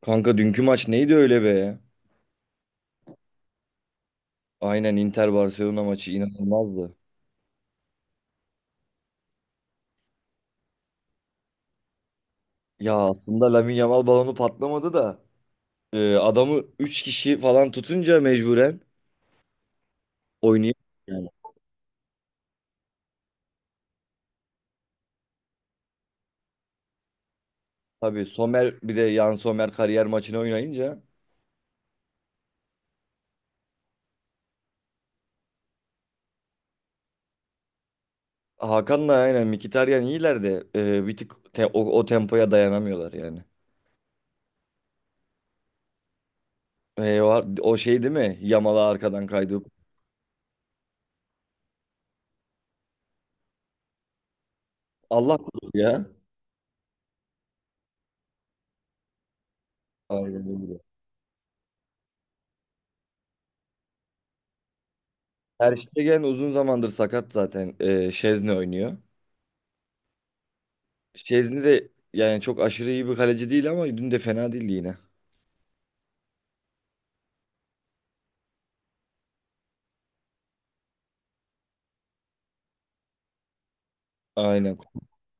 Kanka dünkü maç neydi öyle be? Aynen Inter Barcelona maçı inanılmazdı. Ya aslında Lamine Yamal balonu patlamadı da adamı 3 kişi falan tutunca mecburen oynayamıyor. Yani. Tabii Somer bir de Yan Somer kariyer maçını oynayınca Hakan'la aynen Mkhitaryan iyiler de bir tık o tempoya dayanamıyorlar yani. Var, o şey değil mi? Yamal'a arkadan kaydı. Allah korusun ya. Aynen öyle. Ter Stegen uzun zamandır sakat zaten. Şezne oynuyor. Şezni de yani çok aşırı iyi bir kaleci değil ama dün de fena değildi yine. Aynen.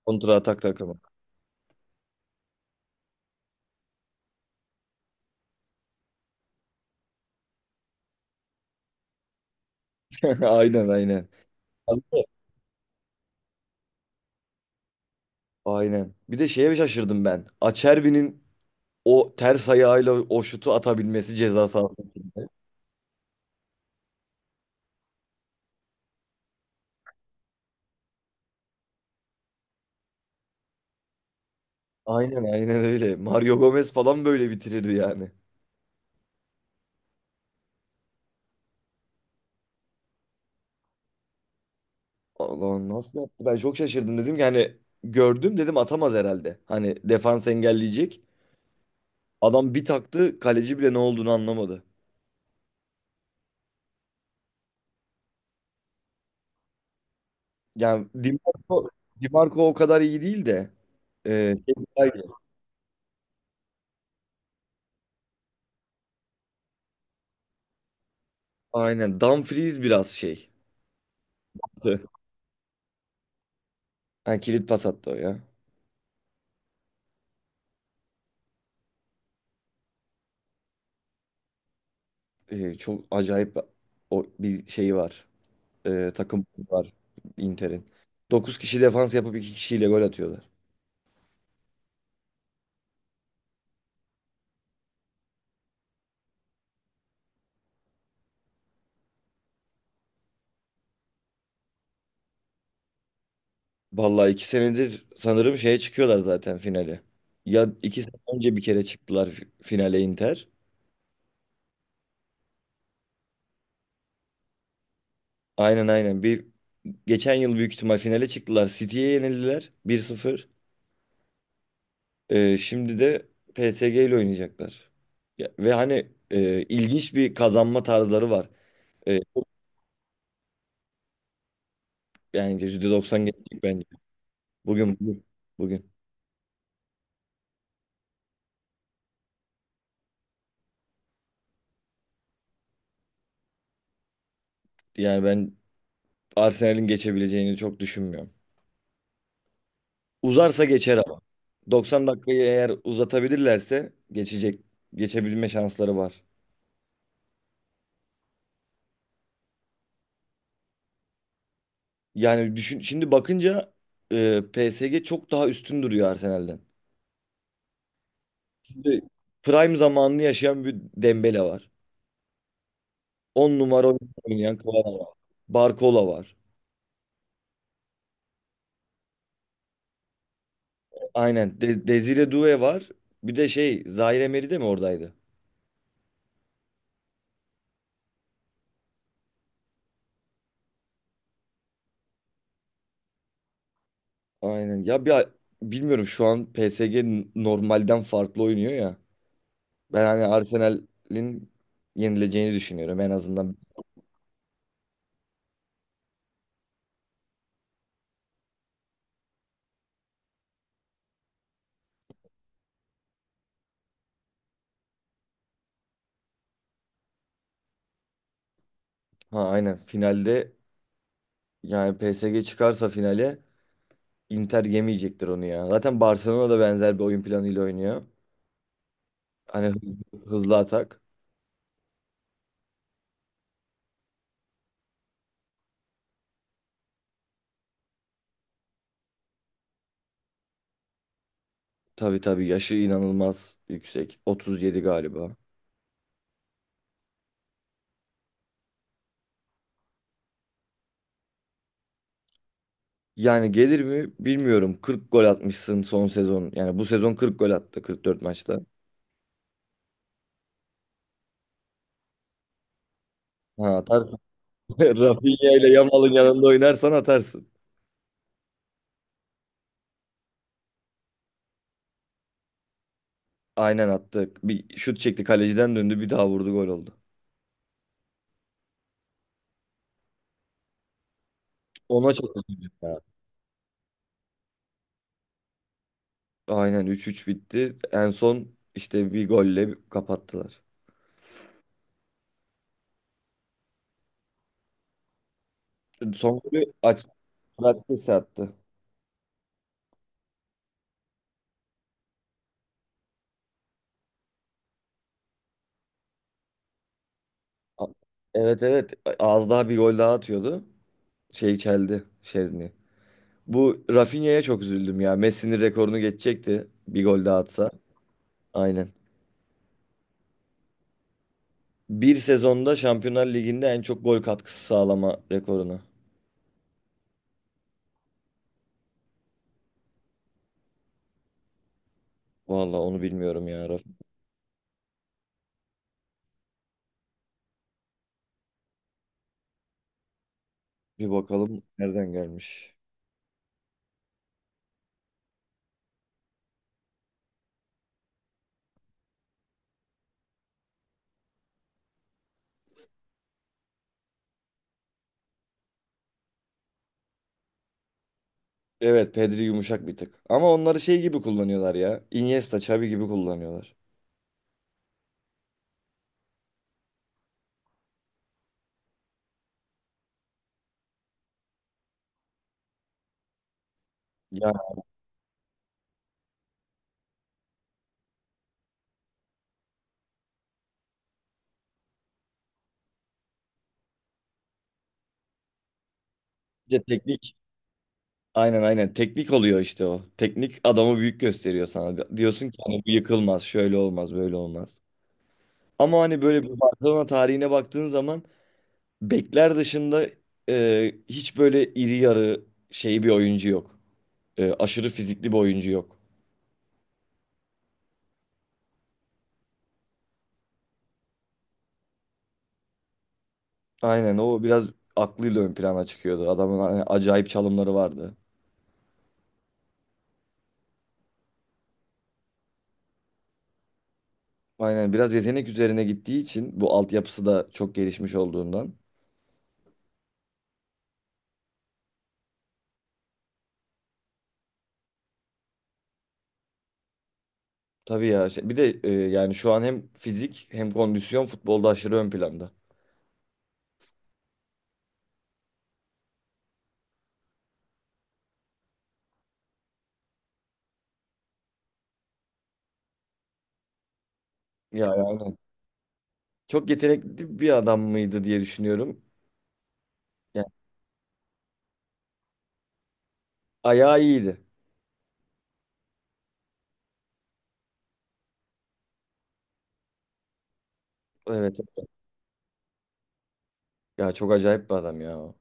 Kontra atak takımı. Aynen aynen. Abi, aynen. Bir de şeye şaşırdım ben. Acerbi'nin o ters ayağıyla o şutu atabilmesi ceza sahası. Aynen aynen öyle. Mario Gomez falan böyle bitirirdi yani. Allah'ım nasıl yaptı? Ben çok şaşırdım dedim ki hani gördüm dedim atamaz herhalde. Hani defans engelleyecek. Adam bir taktı kaleci bile ne olduğunu anlamadı. Yani Di Marco o kadar iyi değil de e, şey daha iyi. Aynen Dumfries biraz şey. Evet. Yani kilit pas attı o ya. Çok acayip o bir şeyi var. Takım var Inter'in. Dokuz kişi defans yapıp 2 kişiyle gol atıyorlar. Vallahi 2 senedir sanırım şeye çıkıyorlar zaten finale. Ya 2 sene önce bir kere çıktılar finale Inter. Aynen aynen. Bir geçen yıl büyük ihtimal finale çıktılar. City'ye yenildiler 1-0. Şimdi de PSG ile oynayacaklar. Ve hani ilginç bir kazanma tarzları var. E, çok- yani %90 geçecek bence. Bugün, bugün, bugün. Yani ben Arsenal'in geçebileceğini çok düşünmüyorum. Uzarsa geçer ama. 90 dakikayı eğer uzatabilirlerse geçecek. Geçebilme şansları var. Yani düşün, şimdi bakınca PSG çok daha üstün duruyor Arsenal'den. Şimdi prime zamanını yaşayan bir Dembele var. 10 numara oynayan Kvara var. Barcola var. Aynen. Desire Doué var. Bir de şey Zaire Emery de mi oradaydı? Aynen. Ya bir bilmiyorum şu an PSG normalden farklı oynuyor ya. Ben hani Arsenal'in yenileceğini düşünüyorum en azından. Ha aynen finalde yani PSG çıkarsa finale Inter yemeyecektir onu ya. Zaten Barcelona da benzer bir oyun planıyla oynuyor. Hani hızlı atak. Tabii tabii yaşı inanılmaz yüksek. 37 galiba. Yani gelir mi bilmiyorum. 40 gol atmışsın son sezon. Yani bu sezon 40 gol attı 44 maçta. Ha atarsın. Rafinha ile Yamal'ın yanında oynarsan atarsın. Aynen attı. Bir şut çekti kaleciden döndü bir daha vurdu gol oldu. Ona çok üzüldüm ya. Aynen 3-3 bitti. En son işte bir golle kapattılar. Son golü aç Fratkesi attı. A- Evet evet az daha bir gol daha atıyordu. Şey çeldi Şezni. Bu Rafinha'ya çok üzüldüm ya. Messi'nin rekorunu geçecekti bir gol daha atsa. Aynen. Bir sezonda Şampiyonlar Ligi'nde en çok gol katkısı sağlama rekoruna. Vallahi onu bilmiyorum ya. Rafinha. Bir bakalım nereden gelmiş. Evet Pedri yumuşak bir tık. Ama onları şey gibi kullanıyorlar ya. Iniesta, Xavi gibi kullanıyorlar. Ya bir de teknik. Aynen aynen. Teknik oluyor işte o. Teknik adamı büyük gösteriyor sana. Diyorsun ki hani bu yıkılmaz, şöyle olmaz, böyle olmaz. Ama hani böyle bir Barcelona tarihine baktığın zaman bekler dışında hiç böyle iri yarı şey bir oyuncu yok. Aşırı fizikli bir oyuncu yok. Aynen o biraz aklıyla ön plana çıkıyordu. Adamın hani acayip çalımları vardı. Aynen biraz yetenek üzerine gittiği için bu altyapısı da çok gelişmiş olduğundan. Tabii ya bir de yani şu an hem fizik hem kondisyon futbolda aşırı ön planda. Ya ya, aynen. Çok yetenekli bir adam mıydı diye düşünüyorum. Yani ayağı iyiydi. Evet. Ya çok acayip bir adam ya.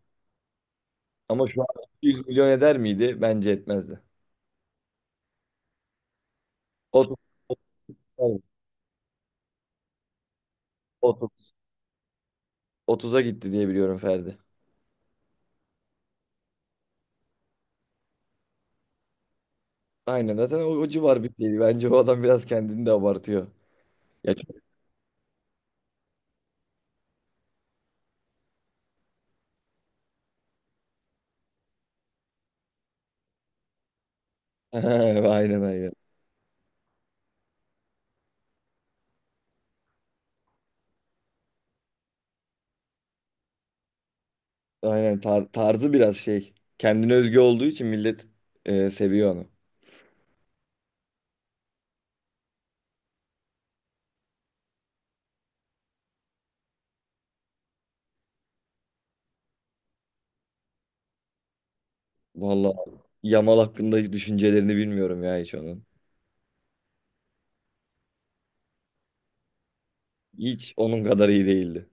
Ama şu an 100 milyon eder miydi? Bence etmezdi. 30, 30, 30'a gitti diye biliyorum Ferdi. Aynen zaten o civar bir şeydi. Bence o adam biraz kendini de abartıyor. Ya, aynen aynen. Aynen tarzı biraz şey. Kendine özgü olduğu için millet seviyor onu. Vallahi Yamal hakkında düşüncelerini bilmiyorum ya hiç onun. Hiç onun kadar iyi değildi.